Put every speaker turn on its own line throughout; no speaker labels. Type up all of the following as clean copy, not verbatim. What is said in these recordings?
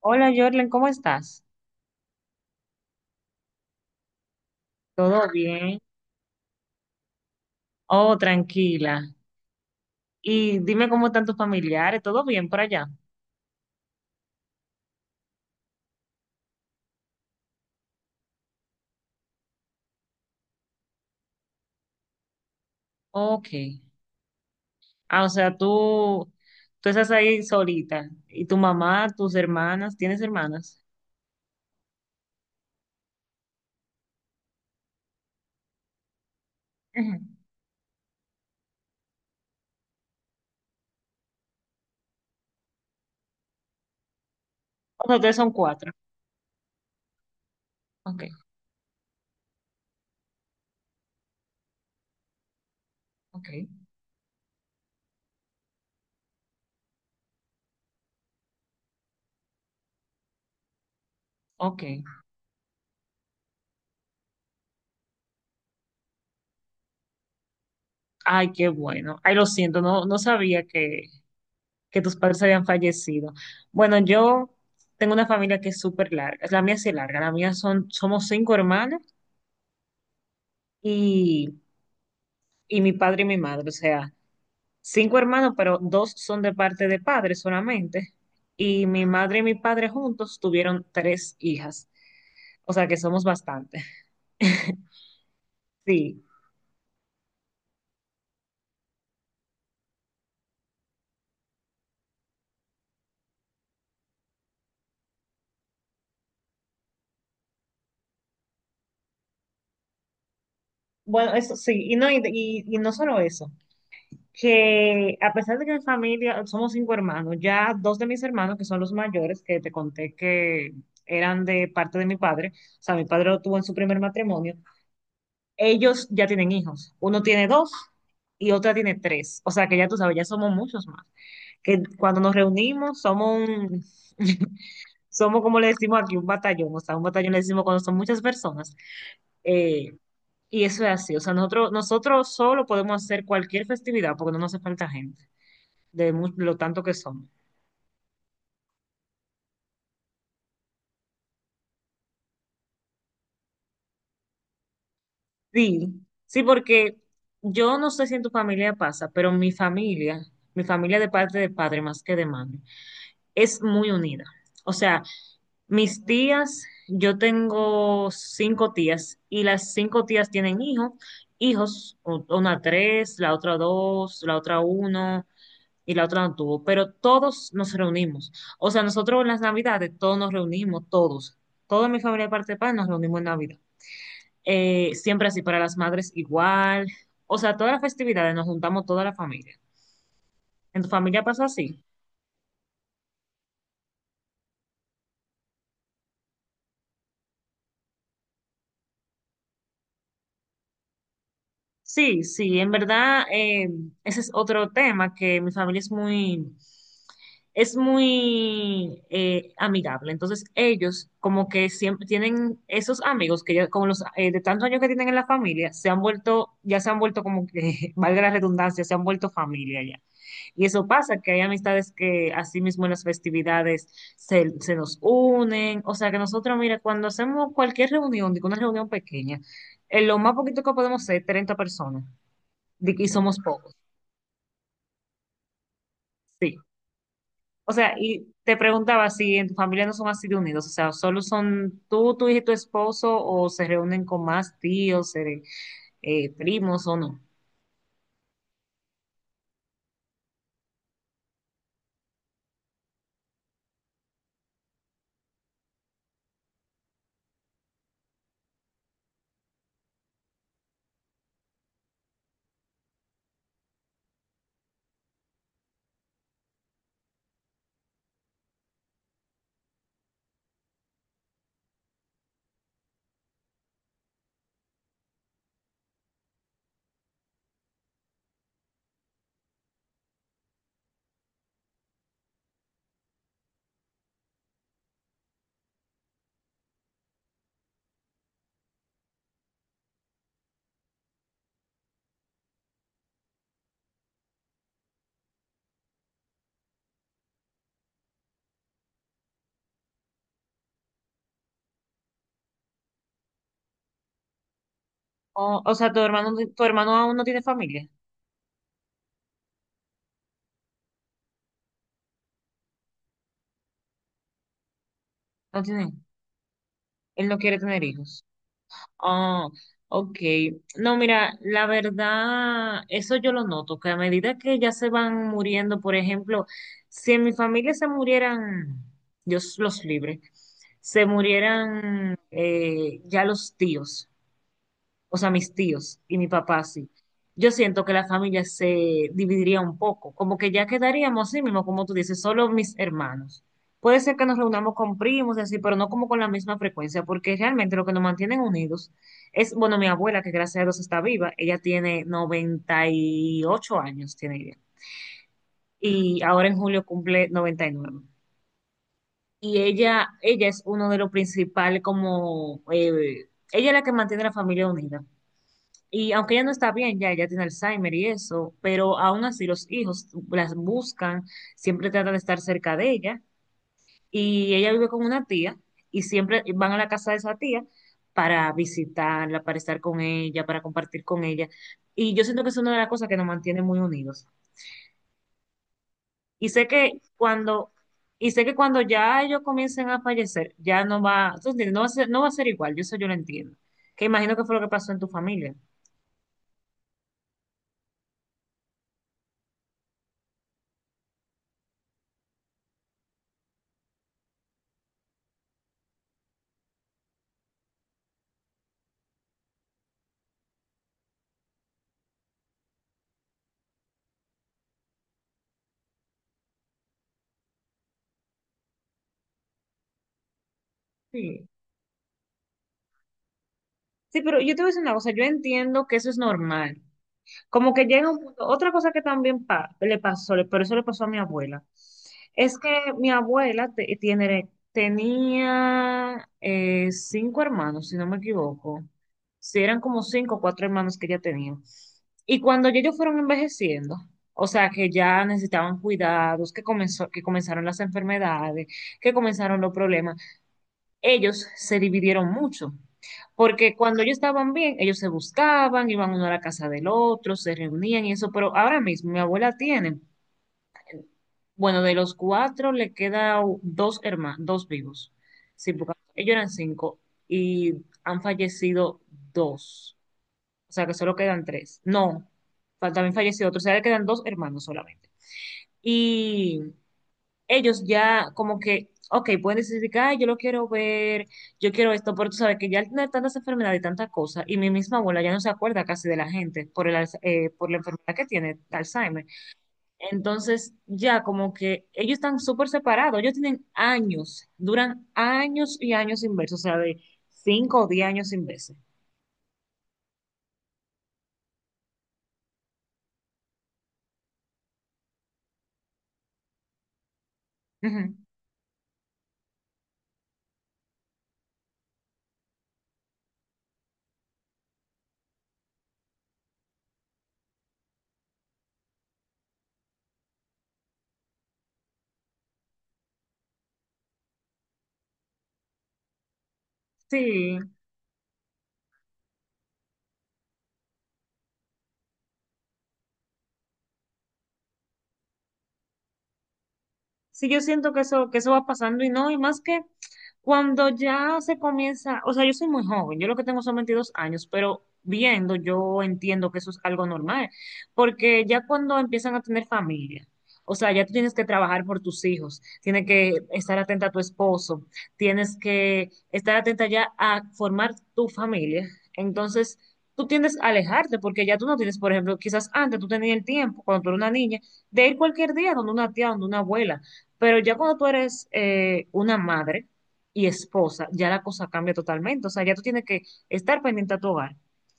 Hola, Jorlen, ¿cómo estás? ¿Todo bien? Oh, tranquila. Y dime cómo están tus familiares, ¿todo bien por allá? Ok. Ah, o sea, tú estás ahí solita. ¿Y tu mamá, tus hermanas? ¿Tienes hermanas? Ujú. O sea, ustedes son cuatro. Ok, ok, ok. Ay, qué bueno. Ay, lo siento, no, no sabía que tus padres habían fallecido. Bueno, yo tengo una familia que es súper larga. La mía sí es larga. La mía son, somos cinco hermanas. Y y mi padre y mi madre, o sea, cinco hermanos, pero dos son de parte de padre solamente. Y mi madre y mi padre juntos tuvieron tres hijas, o sea que somos bastante. Sí, bueno, eso sí, y no, y no solo eso, que a pesar de que mi familia, somos cinco hermanos, ya dos de mis hermanos, que son los mayores, que te conté que eran de parte de mi padre, o sea, mi padre lo tuvo en su primer matrimonio, ellos ya tienen hijos. Uno tiene dos y otra tiene tres. O sea que ya tú sabes, ya somos muchos más. Que cuando nos reunimos somos un, somos como le decimos aquí, un batallón. O sea, un batallón le decimos cuando son muchas personas. Eh, y eso es así. O sea, nosotros solo podemos hacer cualquier festividad porque no nos hace falta gente, de lo tanto que somos. Sí, sí, porque yo no sé si en tu familia pasa, pero mi familia de parte de padre más que de madre, es muy unida. O sea, Mis tías, yo tengo cinco tías y las cinco tías tienen hijos, hijos, una tres, la otra dos, la otra uno y la otra no tuvo, pero todos nos reunimos. O sea, nosotros en las Navidades todos nos reunimos, todos, toda mi familia de parte de padre nos reunimos en Navidad. Siempre así para las madres igual. O sea, todas las festividades nos juntamos toda la familia. ¿En tu familia pasa así? Sí, sí, en verdad, ese es otro tema que mi familia es muy, amigable. Entonces, ellos como que siempre tienen esos amigos que ya, como los de tantos años que tienen en la familia, se han vuelto, ya se han vuelto como que, valga la redundancia, se han vuelto familia y eso pasa, que hay amistades que así mismo en las festividades se nos unen. O sea que nosotros, mira, cuando hacemos cualquier reunión, digo una reunión pequeña, lo más poquito que podemos ser 30 personas. Y somos pocos, sí. O sea, y te preguntaba si en tu familia no son así de unidos, o sea, solo son tú, tu hija y tu esposo, o se reúnen con más tíos, primos o no. O sea, tu hermano aún no tiene familia, no tiene, él no quiere tener hijos. Ah, ok. No, mira, la verdad, eso yo lo noto, que a medida que ya se van muriendo, por ejemplo, si en mi familia se murieran, Dios los libre, se murieran ya los tíos o sea, mis tíos y mi papá sí, yo siento que la familia se dividiría un poco, como que ya quedaríamos así mismo, como tú dices, solo mis hermanos. Puede ser que nos reunamos con primos y así, pero no como con la misma frecuencia, porque realmente lo que nos mantienen unidos es, bueno, mi abuela, que gracias a Dios está viva, ella tiene 98 años, tiene ella, y ahora en julio cumple 99. Y nueve. Y ella es uno de los principales como, ella es la que mantiene la familia unida. Y aunque ella no está bien, ya ella tiene Alzheimer y eso, pero aún así los hijos las buscan, siempre tratan de estar cerca de ella. Y ella vive con una tía y siempre van a la casa de esa tía para visitarla, para estar con ella, para compartir con ella. Y yo siento que es una de las cosas que nos mantiene muy unidos. Y sé que cuando, y sé que cuando ya ellos comiencen a fallecer, ya no va, tú entiendes, No va a ser, no va a ser igual, yo eso yo lo entiendo. Que imagino que fue lo que pasó en tu familia. Sí. Sí, pero yo te voy a decir una cosa, yo entiendo que eso es normal. Como que llega un punto, otra cosa que también le pasó, pero eso le pasó a mi abuela, es que mi abuela tiene, tenía cinco hermanos, si no me equivoco. Si eran como cinco o cuatro hermanos que ella tenía. Y cuando ya ellos fueron envejeciendo, o sea, que ya necesitaban cuidados, que comenzó, que comenzaron las enfermedades, que comenzaron los problemas ellos se dividieron mucho, porque cuando ellos estaban bien, ellos se buscaban, iban uno a la casa del otro, se reunían y eso, pero ahora mismo mi abuela tiene, bueno, de los cuatro le quedan dos hermanos, dos vivos, sí, porque ellos eran cinco y han fallecido dos, o sea que solo quedan tres, no, también falleció otro, o sea, le quedan dos hermanos solamente ellos ya como que, ok, pueden decidir que, ay, yo lo quiero ver, yo quiero esto, pero tú sabes que ya al tener tantas enfermedades y tantas cosas, y mi misma abuela ya no se acuerda casi de la gente por el, por la enfermedad que tiene, Alzheimer. Entonces, ya como que ellos están súper separados, ellos tienen años, duran años y años sin verse, o sea, de 5 o 10 años sin verse. Ujú. Sí, Sí, yo siento que eso va pasando y no, y más que cuando ya se comienza, o sea, yo soy muy joven, yo lo que tengo son 22 años, pero viendo yo entiendo que eso es algo normal, porque ya cuando empiezan a tener familia, o sea, ya tú tienes que trabajar por tus hijos, tienes que estar atenta a tu esposo, tienes que estar atenta ya a formar tu familia, entonces tú tiendes a alejarte porque ya tú no tienes, por ejemplo, quizás antes tú tenías el tiempo, cuando tú eras una niña, de ir cualquier día donde una tía, donde una abuela pero ya cuando tú eres una madre y esposa, ya la cosa cambia totalmente. O sea, ya tú tienes que estar pendiente a tu hogar,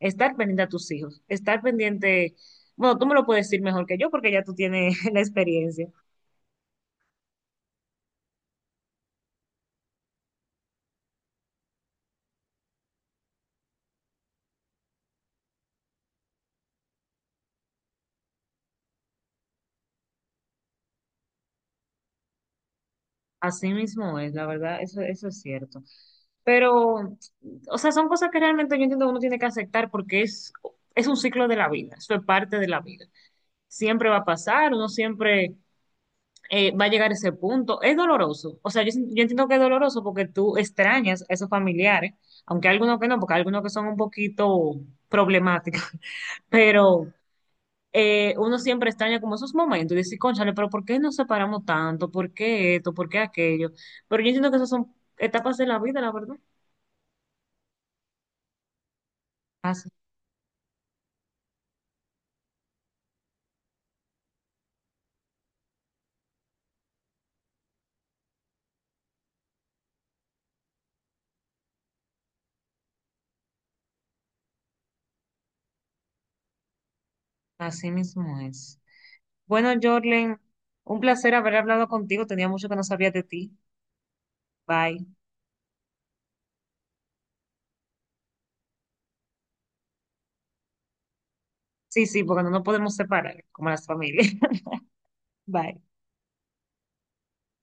estar pendiente a tus hijos, estar pendiente, bueno, tú me lo puedes decir mejor que yo porque ya tú tienes la experiencia. Así mismo es, la verdad, eso es cierto. Pero, o sea, son cosas que realmente yo entiendo que uno tiene que aceptar porque es un ciclo de la vida, eso es parte de la vida. Siempre va a pasar, uno siempre va a llegar ese punto. Es doloroso. O sea, yo, yo entiendo que es doloroso porque tú extrañas a esos familiares, aunque hay algunos que no, porque hay algunos que son un poquito problemáticos, pero uno siempre extraña como esos momentos y dice, cónchale, pero ¿por qué nos separamos tanto? ¿Por qué esto? ¿Por qué aquello? Pero yo entiendo que esas son etapas de la vida, la verdad. Así, así mismo es. Bueno, Jorlen, un placer haber hablado contigo. Tenía mucho que no sabía de ti. Bye. Sí, sí, porque no nos podemos separar, como las familias. Bye.